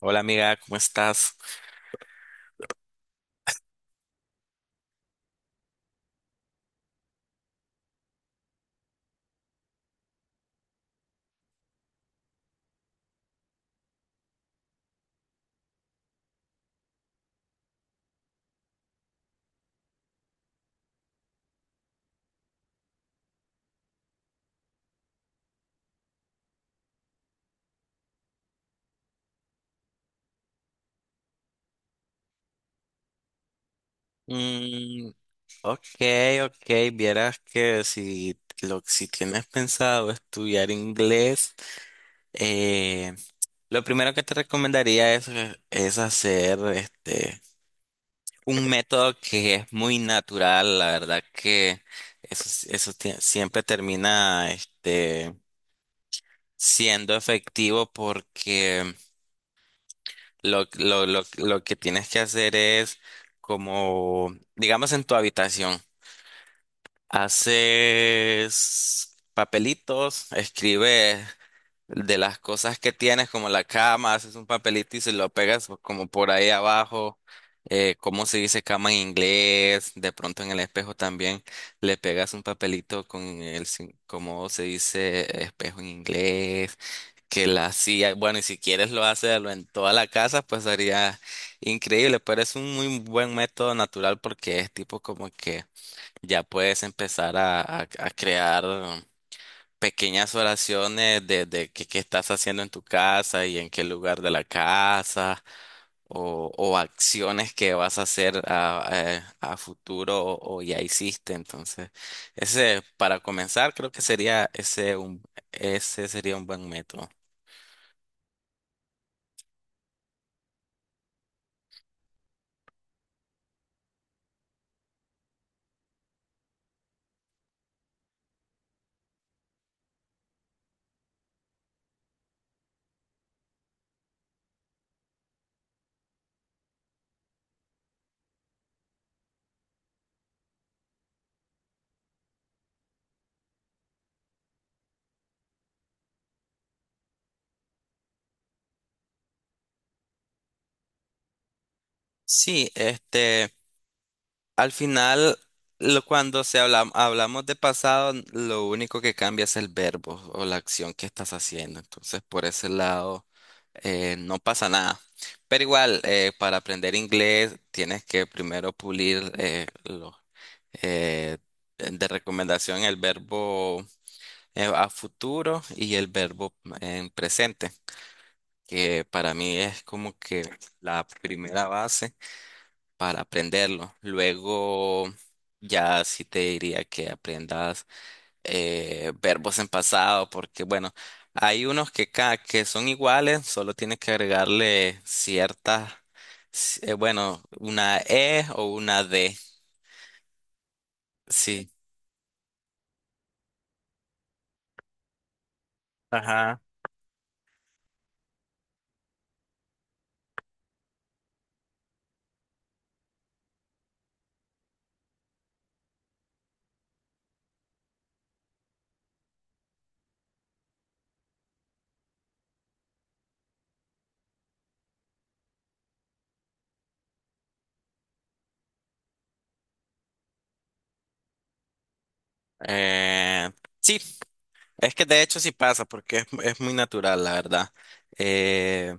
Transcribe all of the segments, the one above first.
Hola amiga, ¿cómo estás? Mm, ok, ok, vieras que si, si tienes pensado estudiar inglés, eh, lo primero que te recomendaría es hacer un método que es muy natural, la verdad que eso, eso siempre termina siendo efectivo porque lo que tienes que hacer es como, digamos, en tu habitación. Haces papelitos, escribes de las cosas que tienes, como la cama, haces un papelito y se lo pegas como por ahí abajo. ¿Cómo se dice cama en inglés? De pronto en el espejo también le pegas un papelito con el, sin- ¿cómo se dice espejo en inglés? Que la silla, bueno, y si quieres lo haces lo en toda la casa, pues sería increíble, pero es un muy buen método natural porque es tipo como que ya puedes empezar a crear pequeñas oraciones de qué estás haciendo en tu casa y en qué lugar de la casa o acciones que vas a hacer a futuro o ya hiciste. Entonces, ese para comenzar creo que sería ese sería un buen método. Sí, este. Al final, cuando hablamos de pasado, lo único que cambia es el verbo o la acción que estás haciendo. Entonces, por ese lado, no pasa nada. Pero igual, para aprender inglés, tienes que primero pulir eh, de recomendación el verbo a futuro y el verbo en presente, que para mí es como que la primera base para aprenderlo. Luego ya sí te diría que aprendas verbos en pasado, porque bueno, hay unos que son iguales, solo tienes que agregarle bueno, una E o una D. Sí. Ajá. Eh, sí, es que de hecho sí pasa, porque es muy natural, la verdad. Eh,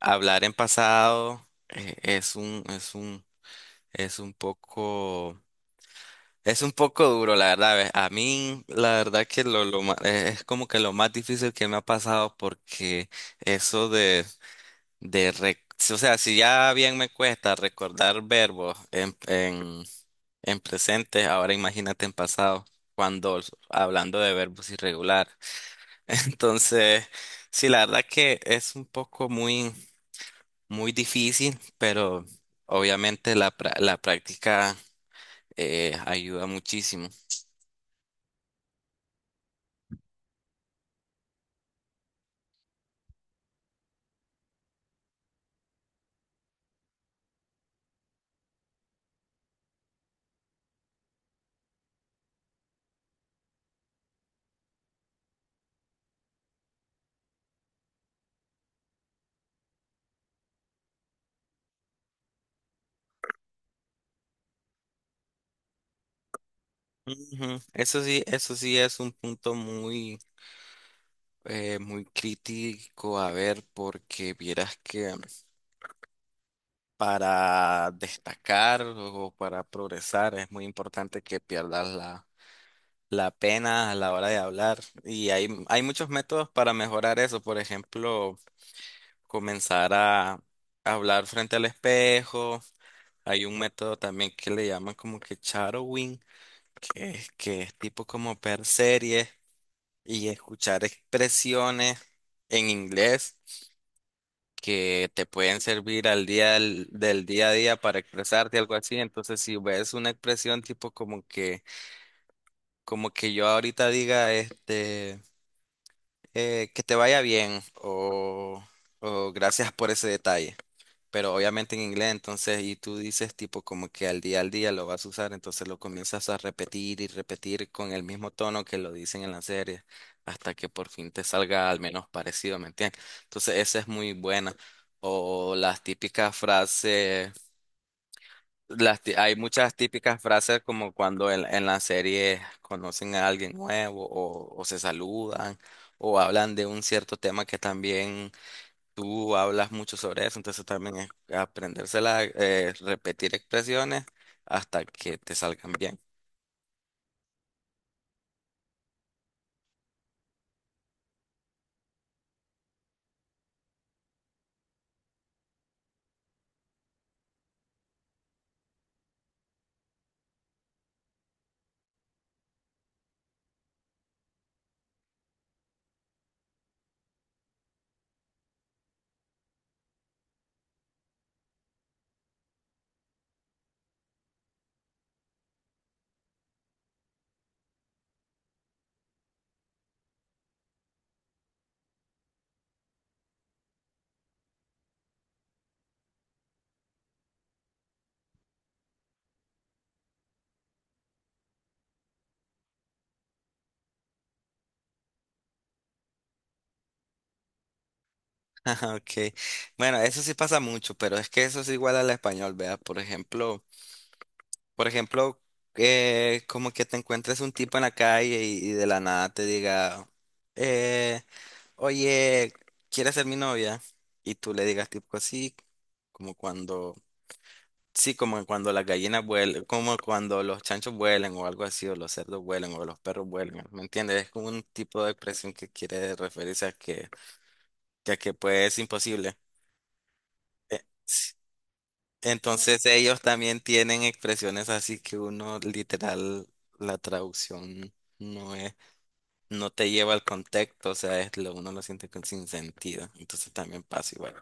hablar en pasado es un poco. Es un poco duro, la verdad. A mí, la verdad que es como que lo más difícil que me ha pasado porque eso de re- o sea, si ya bien me cuesta recordar verbos en presente, ahora imagínate en pasado, cuando hablando de verbos irregulares. Entonces, sí, la verdad que es un poco muy difícil, pero obviamente la práctica ayuda muchísimo. Ujú. Eso sí es un punto muy crítico a ver, porque vieras que para destacar o para progresar es muy importante que pierdas la, la pena a la hora de hablar. Y hay muchos métodos para mejorar eso. Por ejemplo, comenzar a hablar frente al espejo. Hay un método también que le llaman como que shadowing, que que es tipo como per series y escuchar expresiones en inglés que te pueden servir al día del día a día para expresarte algo así. Entonces, si ves una expresión tipo como que yo ahorita diga, que te vaya bien o gracias por ese detalle, pero obviamente en inglés. Entonces, y tú dices tipo como que al día lo vas a usar, entonces lo comienzas a repetir y repetir con el mismo tono que lo dicen en la serie, hasta que por fin te salga al menos parecido, ¿me entiendes? Entonces, esa es muy buena. O las típicas frases, hay muchas típicas frases como cuando en la serie conocen a alguien nuevo o se saludan o hablan de un cierto tema que también. Tú hablas mucho sobre eso, entonces también es aprendérsela, repetir expresiones hasta que te salgan bien. Okay. Bueno, eso sí pasa mucho, pero es que eso es igual al español, ¿verdad? Por ejemplo, como que te encuentres un tipo en la calle y de la nada te diga, eh, oye, ¿quieres ser mi novia? Y tú le digas tipo así, como cuando. Sí, como cuando las gallinas vuelan, como cuando los chanchos vuelan o algo así, o los cerdos vuelan o los perros vuelan, ¿me entiendes? Es como un tipo de expresión que quiere referirse a que, a que pues es imposible. Sí. Entonces ellos también tienen expresiones así que uno literal, la traducción no es, no te lleva al contexto, o sea, es lo, uno lo siente sin sentido, entonces también pasa igual.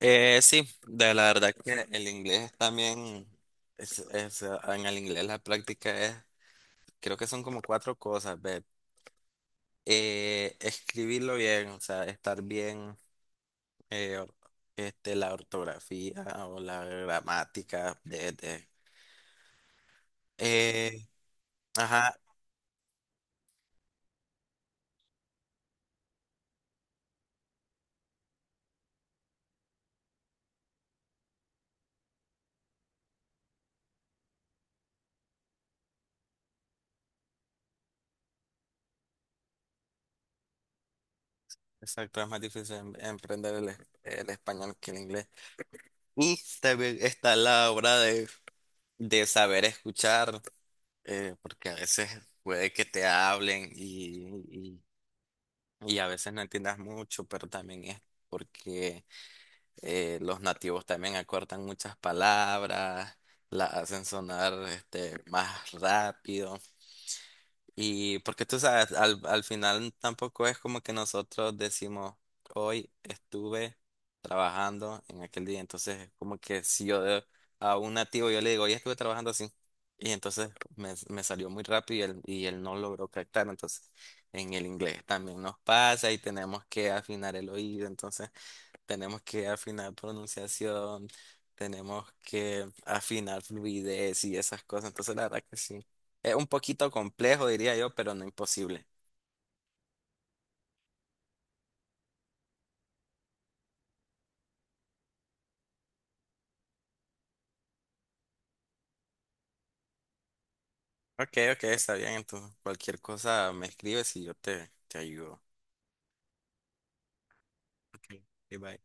Sí, de la verdad que el inglés también, en el inglés la práctica es, creo que son como cuatro cosas, ve. Escribirlo bien, o sea, estar bien, eh, or- la ortografía o la gramática eh, ajá, exacto, es más difícil emprender el español que el inglés. Y también está la obra de saber escuchar porque a veces puede que te hablen y a veces no entiendas mucho, pero también es porque los nativos también acortan muchas palabras, las hacen sonar este, más rápido. Y porque tú sabes, al, al final tampoco es como que nosotros decimos, hoy estuve trabajando en aquel día. Entonces, es como que si yo a un nativo yo le digo, hoy estuve trabajando así. Y entonces me salió muy rápido y él no logró captar. Entonces, en el inglés también nos pasa y tenemos que afinar el oído. Entonces, tenemos que afinar pronunciación, tenemos que afinar fluidez y esas cosas. Entonces, la verdad que sí. Es un poquito complejo, diría yo, pero no imposible. Ok, ok, está bien. Entonces, cualquier cosa me escribes y yo te ayudo. Ok, bye bye.